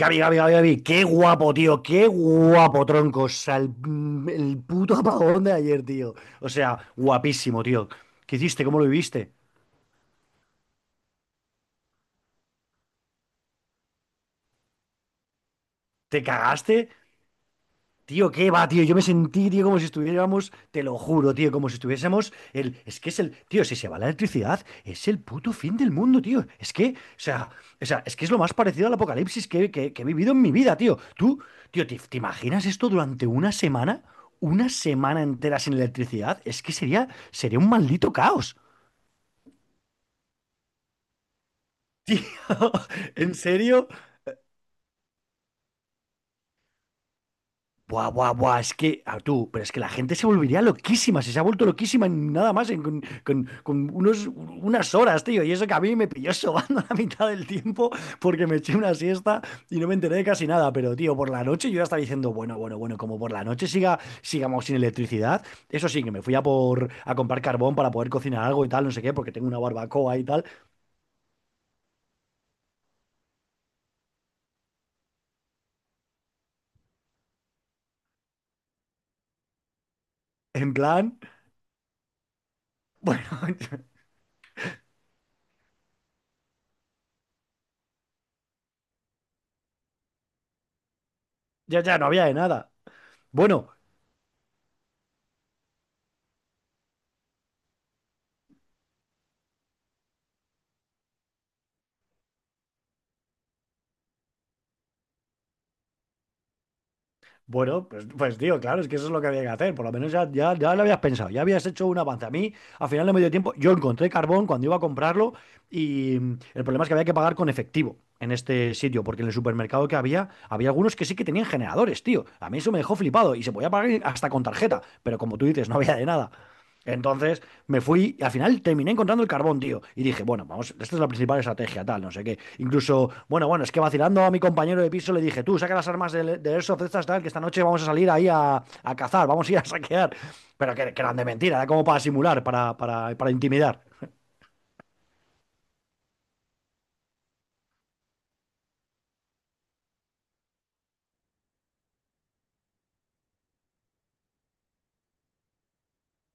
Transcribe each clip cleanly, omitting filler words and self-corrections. Gaby, Gaby, Gaby, Gaby, qué guapo, tío, qué guapo, tronco. O sea, el puto apagón de ayer, tío. O sea, guapísimo, tío. ¿Qué hiciste? ¿Cómo lo viviste? ¿Te cagaste? Tío, ¿qué va, tío? Yo me sentí, tío, como si estuviéramos, te lo juro, tío, como si estuviésemos el, es que es el, tío, si se va la electricidad, es el puto fin del mundo, tío. Es que, o sea, es que es lo más parecido al apocalipsis que he vivido en mi vida, tío. Tú, tío, ¿te imaginas esto durante una semana? Una semana entera sin electricidad, es que sería un maldito caos. Tío, en serio, buah, buah, buah, es que, ah, tú, pero es que la gente se volvería loquísima, si se ha vuelto loquísima en nada más en- con unas horas, tío, y eso que a mí me pilló sobando la mitad del tiempo porque me eché una siesta y no me enteré de casi nada, pero tío, por la noche yo ya estaba diciendo, bueno, bueno, bueno, como por la noche siga, sigamos sin electricidad, eso sí, que me fui a comprar carbón para poder cocinar algo y tal, no sé qué, porque tengo una barbacoa y tal, en plan, bueno, ya no había de nada. Bueno, Bueno, pues tío, claro, es que eso es lo que había que hacer. Por lo menos ya lo habías pensado, ya habías hecho un avance. A mí, al final de medio tiempo, yo encontré carbón cuando iba a comprarlo y el problema es que había que pagar con efectivo en este sitio, porque en el supermercado que había, había algunos que sí que tenían generadores, tío. A mí eso me dejó flipado y se podía pagar hasta con tarjeta, pero como tú dices, no había de nada. Entonces me fui, y al final terminé encontrando el carbón, tío. Y dije, bueno, vamos, esta es la principal estrategia, tal, no sé qué. Incluso, bueno, es que vacilando a mi compañero de piso le dije, tú, saca las armas de Airsoft estas, tal, que esta noche vamos a salir ahí a cazar, vamos a ir a saquear. Pero que eran de mentira, era como para simular, para intimidar.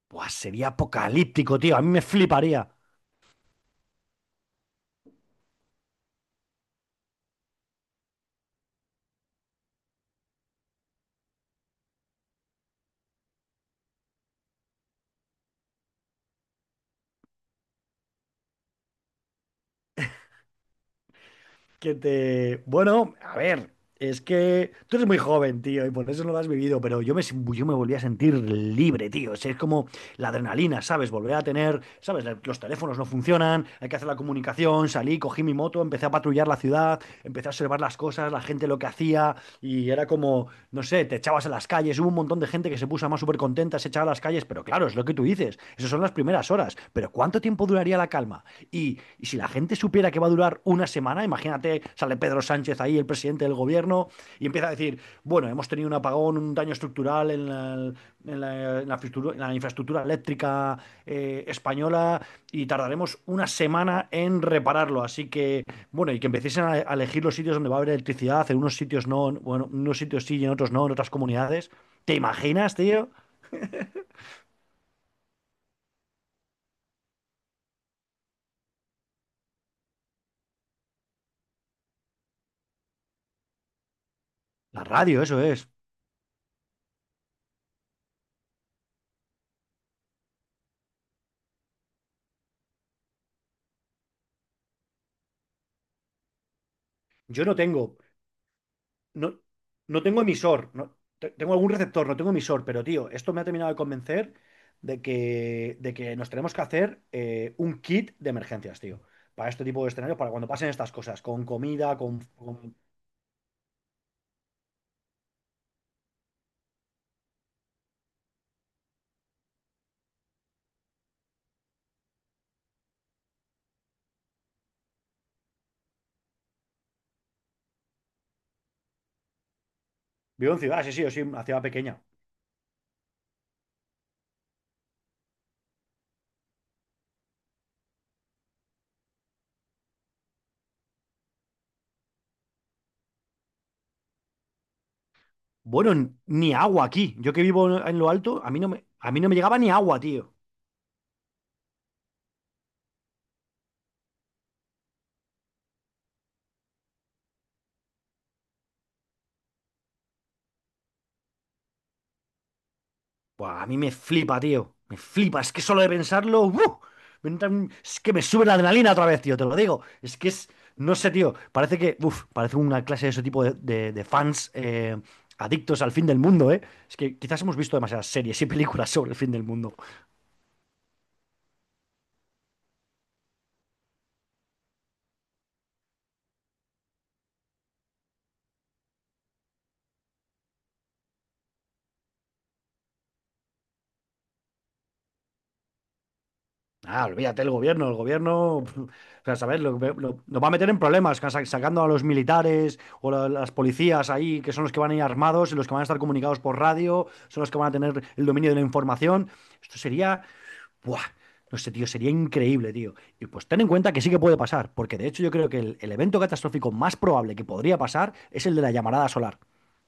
Buah, sería apocalíptico, tío, a mí me fliparía. Que te... Bueno, a ver, es que tú eres muy joven, tío, y por eso no lo has vivido, pero yo me, sin- yo me volví a sentir libre, tío. O sea, es como la adrenalina, ¿sabes? Volver a tener, ¿sabes? Los teléfonos no funcionan, hay que hacer la comunicación, salí, cogí mi moto, empecé a patrullar la ciudad, empecé a observar las cosas, la gente lo que hacía, y era como, no sé, te echabas a las calles, hubo un montón de gente que se puso más súper contenta, se echaba a las calles, pero claro, es lo que tú dices, esas son las primeras horas, pero ¿cuánto tiempo duraría la calma? Y si la gente supiera que va a durar una semana, imagínate, sale Pedro Sánchez ahí, el presidente del gobierno, y empieza a decir, bueno, hemos tenido un apagón, un daño estructural en la, en la infraestructura, eléctrica española y tardaremos una semana en repararlo. Así que, bueno, y que empiecen a elegir los sitios donde va a haber electricidad, en unos sitios no, bueno, en unos sitios sí y en otros no, en otras comunidades. ¿Te imaginas, tío? La radio, eso es. Yo no tengo, no, no tengo emisor, no, te- tengo algún receptor, no tengo emisor, pero tío, esto me ha terminado de convencer de que nos tenemos que hacer un kit de emergencias, tío, para este tipo de escenarios, para cuando pasen estas cosas, con comida, con, con. Vivo en ciudad, sí, sí, yo soy una ciudad pequeña. Bueno, ni agua aquí. Yo que vivo en lo alto, a mí no me llegaba ni agua, tío. Buah, a mí me flipa, tío. Me flipa. Es que solo de pensarlo. ¡Uh! Es que me sube la adrenalina otra vez, tío. Te lo digo. Es que es. No sé, tío. Parece que. Parece una clase de ese tipo de fans adictos al fin del mundo, ¿eh? Es que quizás hemos visto demasiadas series y películas sobre el fin del mundo. Ah, olvídate el gobierno, el gobierno. O sea, ¿sabes? Nos va a meter en problemas sacando a los militares o las policías ahí, que son los que van a ir armados y los que van a estar comunicados por radio, son los que van a tener el dominio de la información. Esto sería, buah, no sé, tío, sería increíble, tío. Y pues ten en cuenta que sí que puede pasar, porque de hecho yo creo que el evento catastrófico más probable que podría pasar es el de la llamarada solar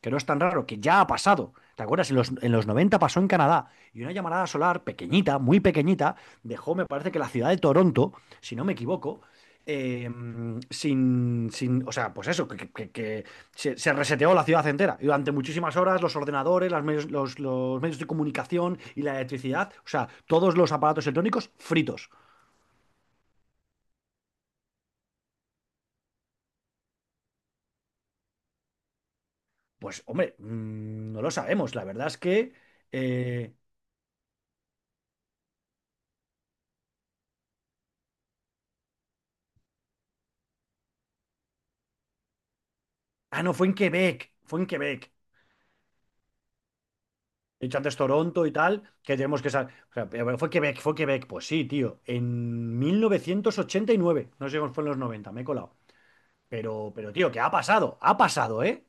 que no es tan raro, que ya ha pasado. ¿Te acuerdas? En los 90 pasó en Canadá y una llamarada solar pequeñita, muy pequeñita, dejó, me parece que la ciudad de Toronto, si no me equivoco, eh, sin, sin, o sea, pues eso, que se, se reseteó la ciudad entera. Y durante muchísimas horas los ordenadores, los medios de comunicación y la electricidad, o sea, todos los aparatos electrónicos fritos. Pues hombre, no lo sabemos. La verdad es que... eh, Ah, no, fue en Quebec, fue en Quebec. He dicho antes Toronto y tal, que tenemos que saber. O sea, pero bueno, fue Quebec, fue Quebec. Pues sí, tío. En 1989. No sé cómo fue, en los 90 me he colado. Pero, tío, ¿qué ha pasado? Ha pasado, ¿eh?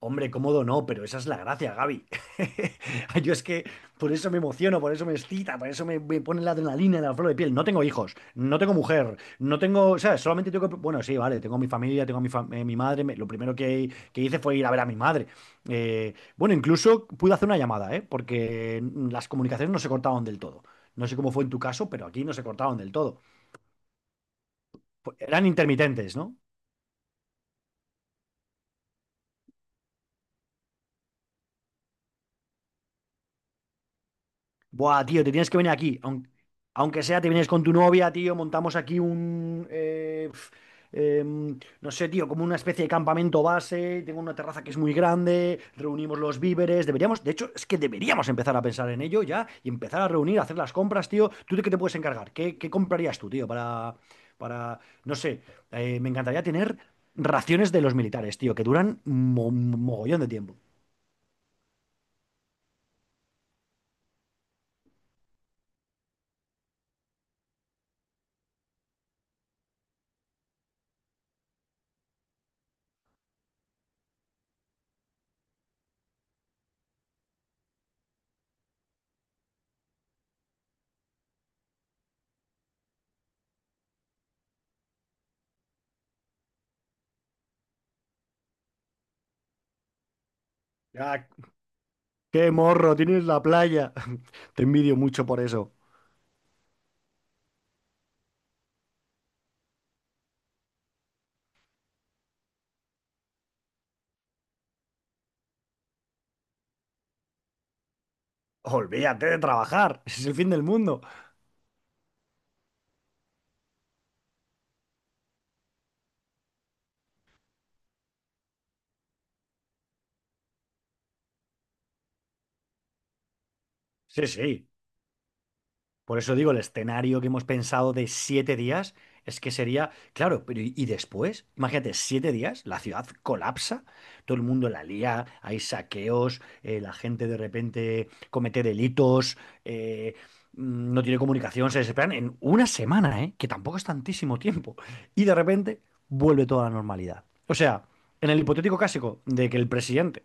Hombre, cómodo no, pero esa es la gracia, Gaby. Yo es que por eso me emociono, por eso me excita, por eso me pone la adrenalina en la flor de piel. No tengo hijos, no tengo mujer, no tengo, o sea, solamente tengo que... Bueno, sí, vale, tengo mi familia, tengo mi madre. Lo primero que hice fue ir a ver a mi madre. Bueno, incluso pude hacer una llamada, ¿eh? Porque las comunicaciones no se cortaban del todo. No sé cómo fue en tu caso, pero aquí no se cortaban del todo. Eran intermitentes, ¿no? Buah, tío, te tienes que venir aquí. Aunque, sea, te vienes con tu novia, tío. Montamos aquí no sé, tío, como una especie de campamento base. Tengo una terraza que es muy grande. Reunimos los víveres. Deberíamos, de hecho, es que deberíamos empezar a pensar en ello ya y empezar a reunir, a hacer las compras, tío. ¿Tú de qué te puedes encargar? ¿Qué comprarías tú, tío? Para. Para. No sé. Me encantaría tener raciones de los militares, tío, que duran mogollón de tiempo. Ya. Qué morro, tienes la playa. Te envidio mucho por eso. Olvídate de trabajar, ese es el fin del mundo. Sí, sí. Por eso digo, el escenario que hemos pensado de 7 días es que sería, claro, pero ¿y después? Imagínate, 7 días, la ciudad colapsa, todo el mundo la lía, hay saqueos, la gente de repente comete delitos, eh, no tiene comunicación, se desesperan en una semana, ¿eh? Que tampoco es tantísimo tiempo. Y de repente vuelve toda la normalidad. O sea, en el hipotético caso de que el presidente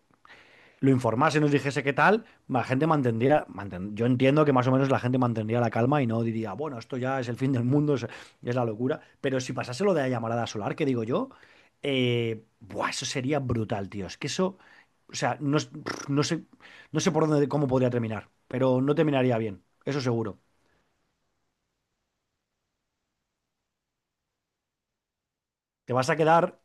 lo informase, nos dijese qué tal, la gente mantendría, manten- yo entiendo que más o menos la gente mantendría la calma y no diría, bueno, esto ya es el fin del mundo, es la locura, pero si pasase lo de la llamarada solar, que digo yo, buah, eso sería brutal, tío, es que eso, o sea, no, no sé, no sé por dónde, cómo podría terminar, pero no terminaría bien, eso seguro. Te vas a quedar,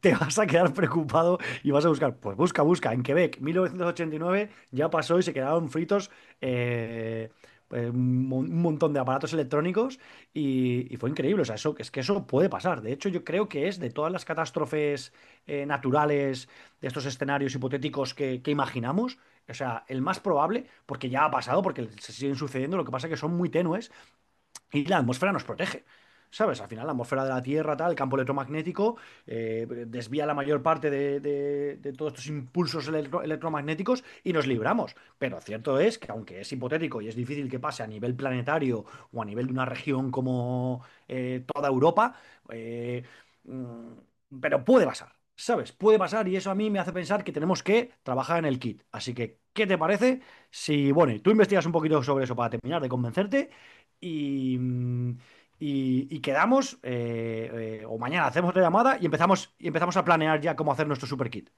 te vas a quedar preocupado y vas a buscar. Pues busca, busca. En Quebec, 1989, ya pasó y se quedaron fritos eh, un un montón de aparatos electrónicos y fue increíble. O sea, eso, es que eso puede pasar. De hecho, yo creo que es de todas las catástrofes naturales, de estos escenarios hipotéticos que imaginamos. O sea, el más probable, porque ya ha pasado, porque se siguen sucediendo, lo que pasa es que son muy tenues y la atmósfera nos protege. ¿Sabes? Al final la atmósfera de la Tierra, tal, el campo electromagnético, desvía la mayor parte de todos estos impulsos electromagnéticos y nos libramos. Pero cierto es que aunque es hipotético y es difícil que pase a nivel planetario o a nivel de una región como toda Europa, eh, mm, pero puede pasar, ¿sabes? Puede pasar y eso a mí me hace pensar que tenemos que trabajar en el kit. Así que, ¿qué te parece? Si, bueno, y tú investigas un poquito sobre eso para terminar de convencerte y, mm, y quedamos, o mañana hacemos la llamada y empezamos a planear ya cómo hacer nuestro super kit.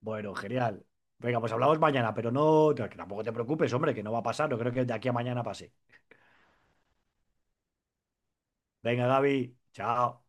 Bueno, genial. Venga, pues hablamos mañana, pero no, no, que tampoco te preocupes, hombre, que no va a pasar, no creo que de aquí a mañana pase. Venga, Gaby, chao.